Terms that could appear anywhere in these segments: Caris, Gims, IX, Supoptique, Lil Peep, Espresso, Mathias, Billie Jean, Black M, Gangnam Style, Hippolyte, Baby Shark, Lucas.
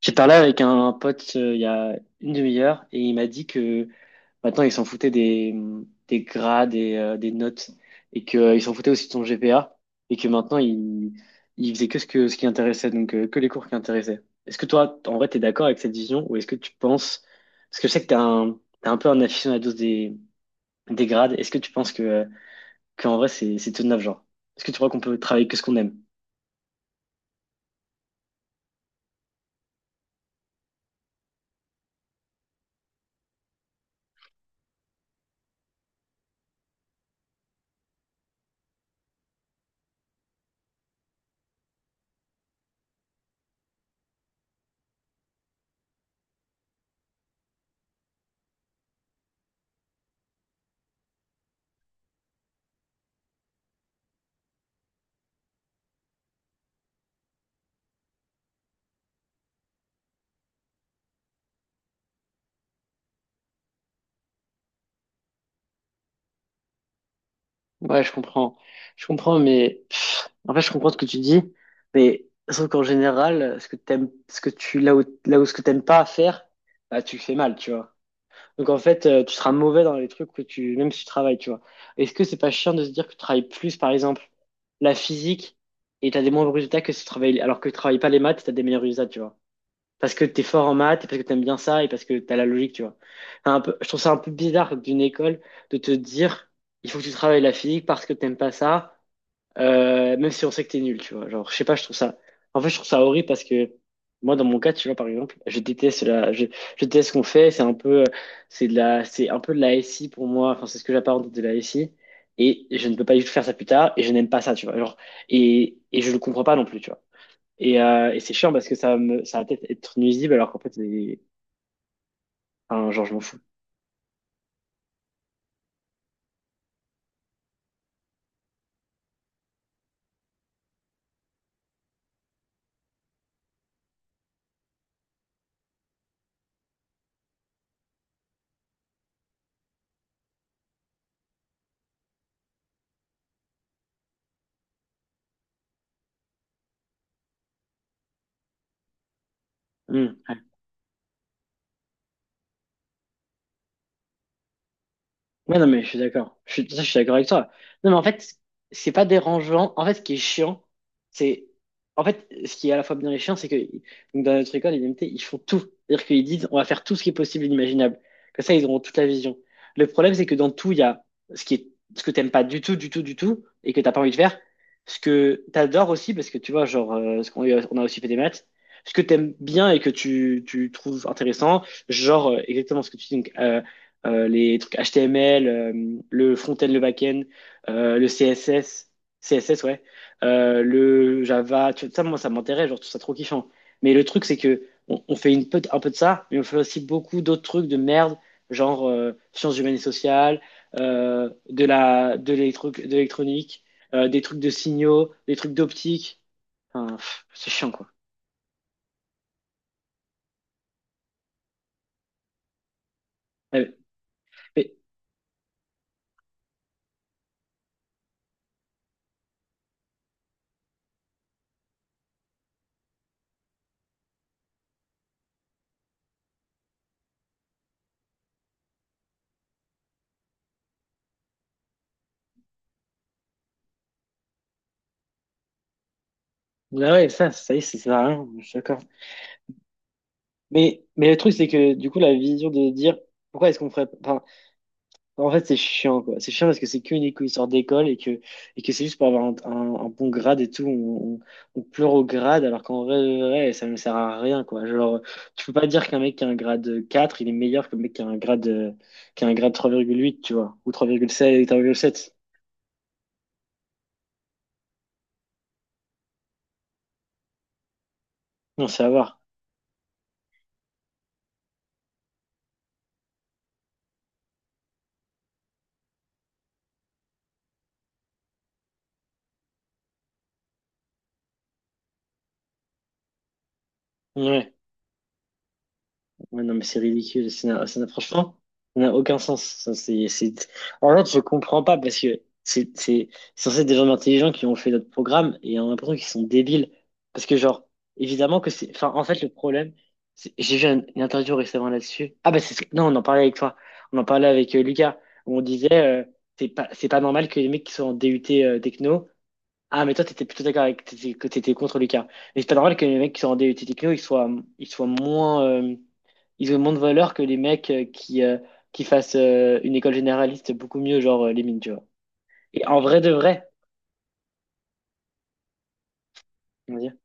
J'ai parlé avec un pote il y a une demi-heure et il m'a dit que maintenant ils s'en foutaient des grades et des notes et que il s'en foutaient aussi de son GPA et que maintenant ils faisaient que ce qui intéressait donc que les cours qui intéressaient. Est-ce que toi en vrai t'es d'accord avec cette vision ou est-ce que tu penses parce que je sais que t'es un peu un aficionado des grades. Est-ce que tu penses que qu'en vrai c'est tout neuf genre? Est-ce que tu crois qu'on peut travailler que ce qu'on aime? Ouais, je comprends. Je comprends, mais pff, en fait, je comprends ce que tu dis. Mais sauf qu'en général, ce que t'aimes, là où ce que t'aimes pas à faire, bah, tu le fais mal, tu vois. Donc en fait, tu seras mauvais dans les trucs que tu, même si tu travailles, tu vois. Est-ce que c'est pas chiant de se dire que tu travailles plus, par exemple, la physique et t'as des moins bons résultats que si tu travailles, alors que tu travailles pas les maths, t'as des meilleurs résultats, tu vois parce que t'es fort en maths, et parce que t'aimes bien ça, et parce que t'as la logique, tu vois. Enfin, un peu, je trouve ça un peu bizarre d'une école de te dire, il faut que tu travailles la physique parce que t'aimes pas ça, même si on sait que t'es nul, tu vois. Genre, je sais pas, je trouve ça, en fait, je trouve ça horrible parce que moi, dans mon cas, tu vois, par exemple, je déteste ce qu'on fait, c'est un peu, c'est un peu de la SI pour moi, enfin, c'est ce que j'apparente de la SI, et je ne peux pas du tout faire ça plus tard, et je n'aime pas ça, tu vois. Genre, et je le comprends pas non plus, tu vois. Et c'est chiant parce que ça va peut-être être nuisible alors qu'en fait, enfin, genre, je m'en fous. Hmm. Ouais, non, mais je suis d'accord. Je suis d'accord avec toi. Non, mais en fait, c'est pas dérangeant. En fait, ce qui est chiant, c'est. En fait, ce qui est à la fois bien et chiant, c'est que donc, dans notre école, les MT, ils font tout. C'est-à-dire qu'ils disent, on va faire tout ce qui est possible et inimaginable. Comme ça, ils auront toute la vision. Le problème, c'est que dans tout, il y a ce qui est, ce que t'aimes pas du tout, du tout, du tout, et que t'as pas envie de faire. Ce que t'adores aussi, parce que tu vois, genre, ce qu'on on a aussi fait des maths. Ce que t'aimes bien et que tu trouves intéressant, genre, exactement ce que tu dis, donc, les trucs HTML, le front-end, le back-end, le CSS, ouais, le Java, tu vois, ça, moi, ça m'intéresse, genre, je trouve ça trop kiffant. Mais le truc, c'est que on fait un peu de ça, mais on fait aussi beaucoup d'autres trucs de merde, genre sciences humaines et sociales, de l'électronique, des trucs de signaux, des trucs d'optique. Enfin, pff, c'est chiant, quoi. Ouais, mais- ah ouais, ça y est, c'est ça, sert à rien, je suis d'accord. Mais le truc, c'est que du coup, la vision de dire pourquoi est-ce qu'on ferait. Enfin, en fait, c'est chiant, quoi. C'est chiant parce que c'est qu'une histoire d'école et que c'est juste pour avoir un bon grade et tout. On pleure au grade alors qu'en vrai, de vrai, ça ne sert à rien, quoi. Genre, tu peux pas dire qu'un mec qui a un grade 4 il est meilleur qu'un mec qui a un grade 3,8 tu vois, ou 3,7. Non, c'est à voir. Ouais. Ouais, non, mais c'est ridicule. Ça n'a- franchement, ça n'a aucun sens. Ça, c'est... En fait, je comprends pas parce que c'est censé être des gens intelligents qui ont fait notre programme et on a l'impression qu'ils sont débiles. Parce que, genre, évidemment que c'est. Enfin, en fait, le problème, j'ai vu une interview récemment là-dessus. Ah, bah, non, on en parlait avec toi. On en parlait avec Lucas, où on disait c'est pas normal que les mecs qui sont en DUT techno. Ah, mais toi, t'étais plutôt d'accord avec. Que t'étais contre Lucas. Mais c'est pas normal que les mecs qui sont en DUT techno, ils soient moins. Ils ont moins de valeur que les mecs qui fassent une école généraliste beaucoup mieux, genre les mines, tu vois. Et en vrai de vrai, on va dire.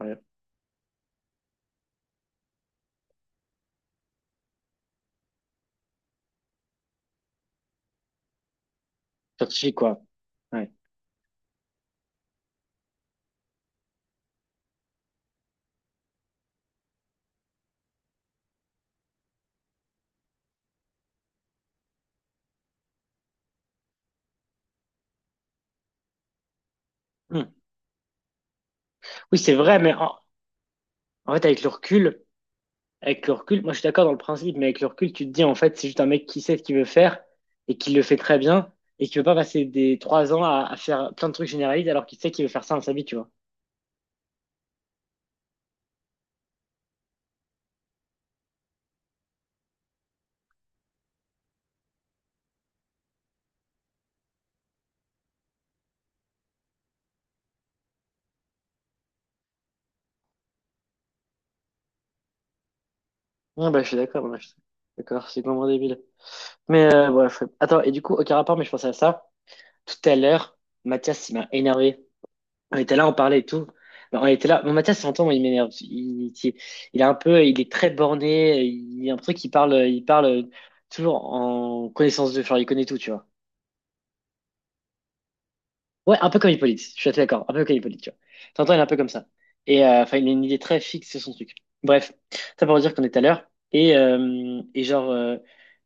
Ouais. Scientifique, quoi. Ouais. Hmm. Oui, c'est vrai, mais en fait, avec le recul, moi je suis d'accord dans le principe, mais avec le recul, tu te dis, en fait, c'est juste un mec qui sait ce qu'il veut faire et qui le fait très bien et qui veut pas passer des 3 ans à faire plein de trucs généralistes alors qu'il sait qu'il veut faire ça dans sa vie, tu vois. Ouais, bah je suis d'accord, moi, je suis d'accord, c'est complètement débile. Mais bref, attends, et du coup, aucun rapport, mais je pensais à ça tout à l'heure, Mathias, il m'a énervé. On était là, on parlait et tout. Ben, on était là. Bon, Mathias, j'entends, moi, il m'énerve. Il est un peu, il est très borné. Il y a un truc, il parle toujours en connaissance de genre, il connaît tout, tu vois. Ouais, un peu comme Hippolyte, je suis assez d'accord, un peu comme Hippolyte, tu vois. T'entends, il est un peu comme ça. Et enfin, il a une idée très fixe sur son truc. Bref, ça pour dire qu'on est à l'heure. Et, euh, et genre, euh,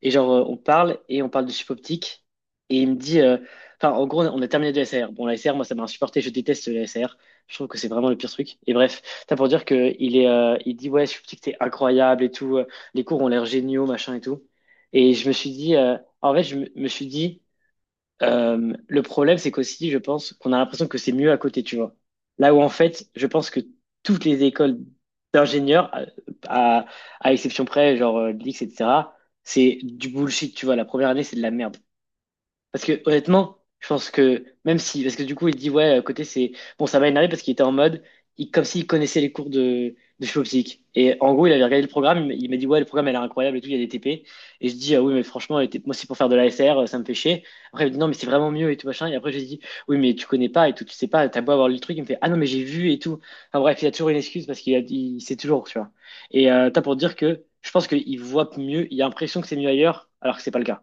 et genre euh, On parle de chip optique. Et il me dit, enfin, en gros, on a terminé de la SAR. Bon, la SAR, moi, ça m'a insupporté, je déteste la SAR. Je trouve que c'est vraiment le pire truc. Et bref, ça pour dire que il dit, ouais, chip optique, c'est incroyable et tout. Les cours ont l'air géniaux, machin et tout. Et je me suis dit, en fait, je me me suis dit, le problème, c'est qu'aussi, je pense qu'on a l'impression que c'est mieux à côté, tu vois. Là où en fait, je pense que toutes les écoles d'ingénieurs, à, à, à exception près, genre l'IX, etc., c'est du bullshit, tu vois. La première année, c'est de la merde. Parce que honnêtement, je pense que même si, parce que du coup, il dit ouais, à côté c'est bon, ça m'a énervé parce qu'il était en mode, comme s'il connaissait les cours de philo psych. Et en gros, il avait regardé le programme, il m'a dit ouais, le programme elle est incroyable et tout, il y a des TP. Et je dis ah oui, mais franchement, les TP moi c'est pour faire de la l'ASR, ça me fait chier. Après il me dit non, mais c'est vraiment mieux et tout machin. Et après je lui dis oui, mais tu connais pas et tout, tu sais pas, t'as beau avoir lu le truc, il me fait ah non, mais j'ai vu et tout. Enfin bref, il a toujours une excuse parce qu'il a, il sait toujours, tu vois. Et t'as pour dire que je pense qu'il voit mieux, il a l'impression que c'est mieux ailleurs, alors que c'est pas le cas.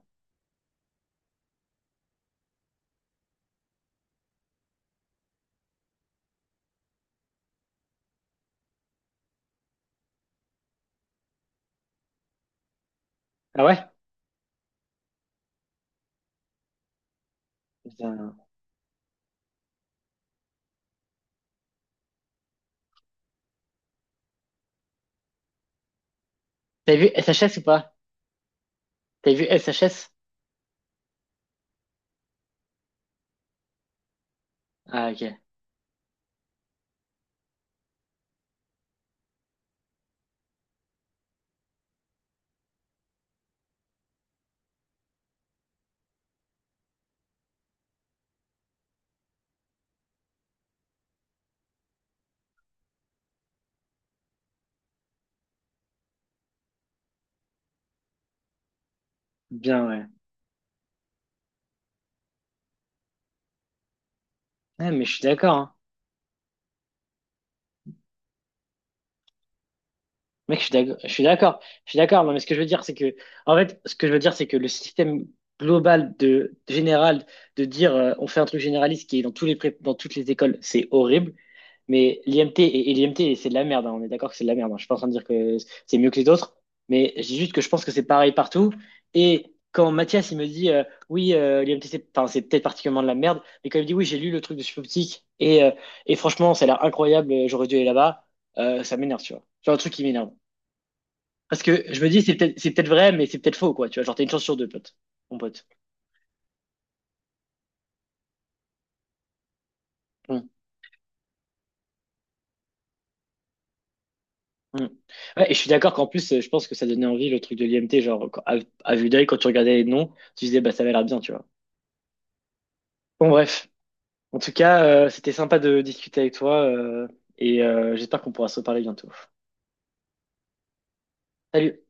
Ah ouais? Putain. T'as vu SHS ou pas? T'as vu SHS. Ah ok, bien ouais. Ouais, mais je suis d'accord. Hein. Mec, je suis d'accord, je suis d'accord, je suis d'accord. Non, mais ce que je veux dire, c'est que, en fait, ce que je veux dire, c'est que le système global de général de dire on fait un truc généraliste qui est dans dans toutes les écoles, c'est horrible. Mais l'IMT et l'IMT, c'est de la merde. Hein. On est d'accord que c'est de la merde. Hein. Je suis pas en train de dire que c'est mieux que les autres, mais je dis juste que je pense que c'est pareil partout. Et quand Mathias il me dit oui, l'IMT, c'est, enfin, c'est peut-être particulièrement de la merde, mais quand il me dit oui, j'ai lu le truc de Supoptique et franchement, ça a l'air incroyable. J'aurais dû aller là-bas. Ça m'énerve, tu vois. C'est un truc qui m'énerve. Parce que je me dis, c'est peut-être vrai, mais c'est peut-être faux, quoi. Tu vois, genre, t'as une chance sur deux, pote. Mon pote. Mm, mm. Ouais, et je suis d'accord qu'en plus, je pense que ça donnait envie le truc de l'IMT, genre, à vue d'œil, quand tu regardais les noms, tu disais, bah, ça avait l'air bien, tu vois. Bon, bref. En tout cas, c'était sympa de discuter avec toi, et j'espère qu'on pourra se reparler bientôt. Salut!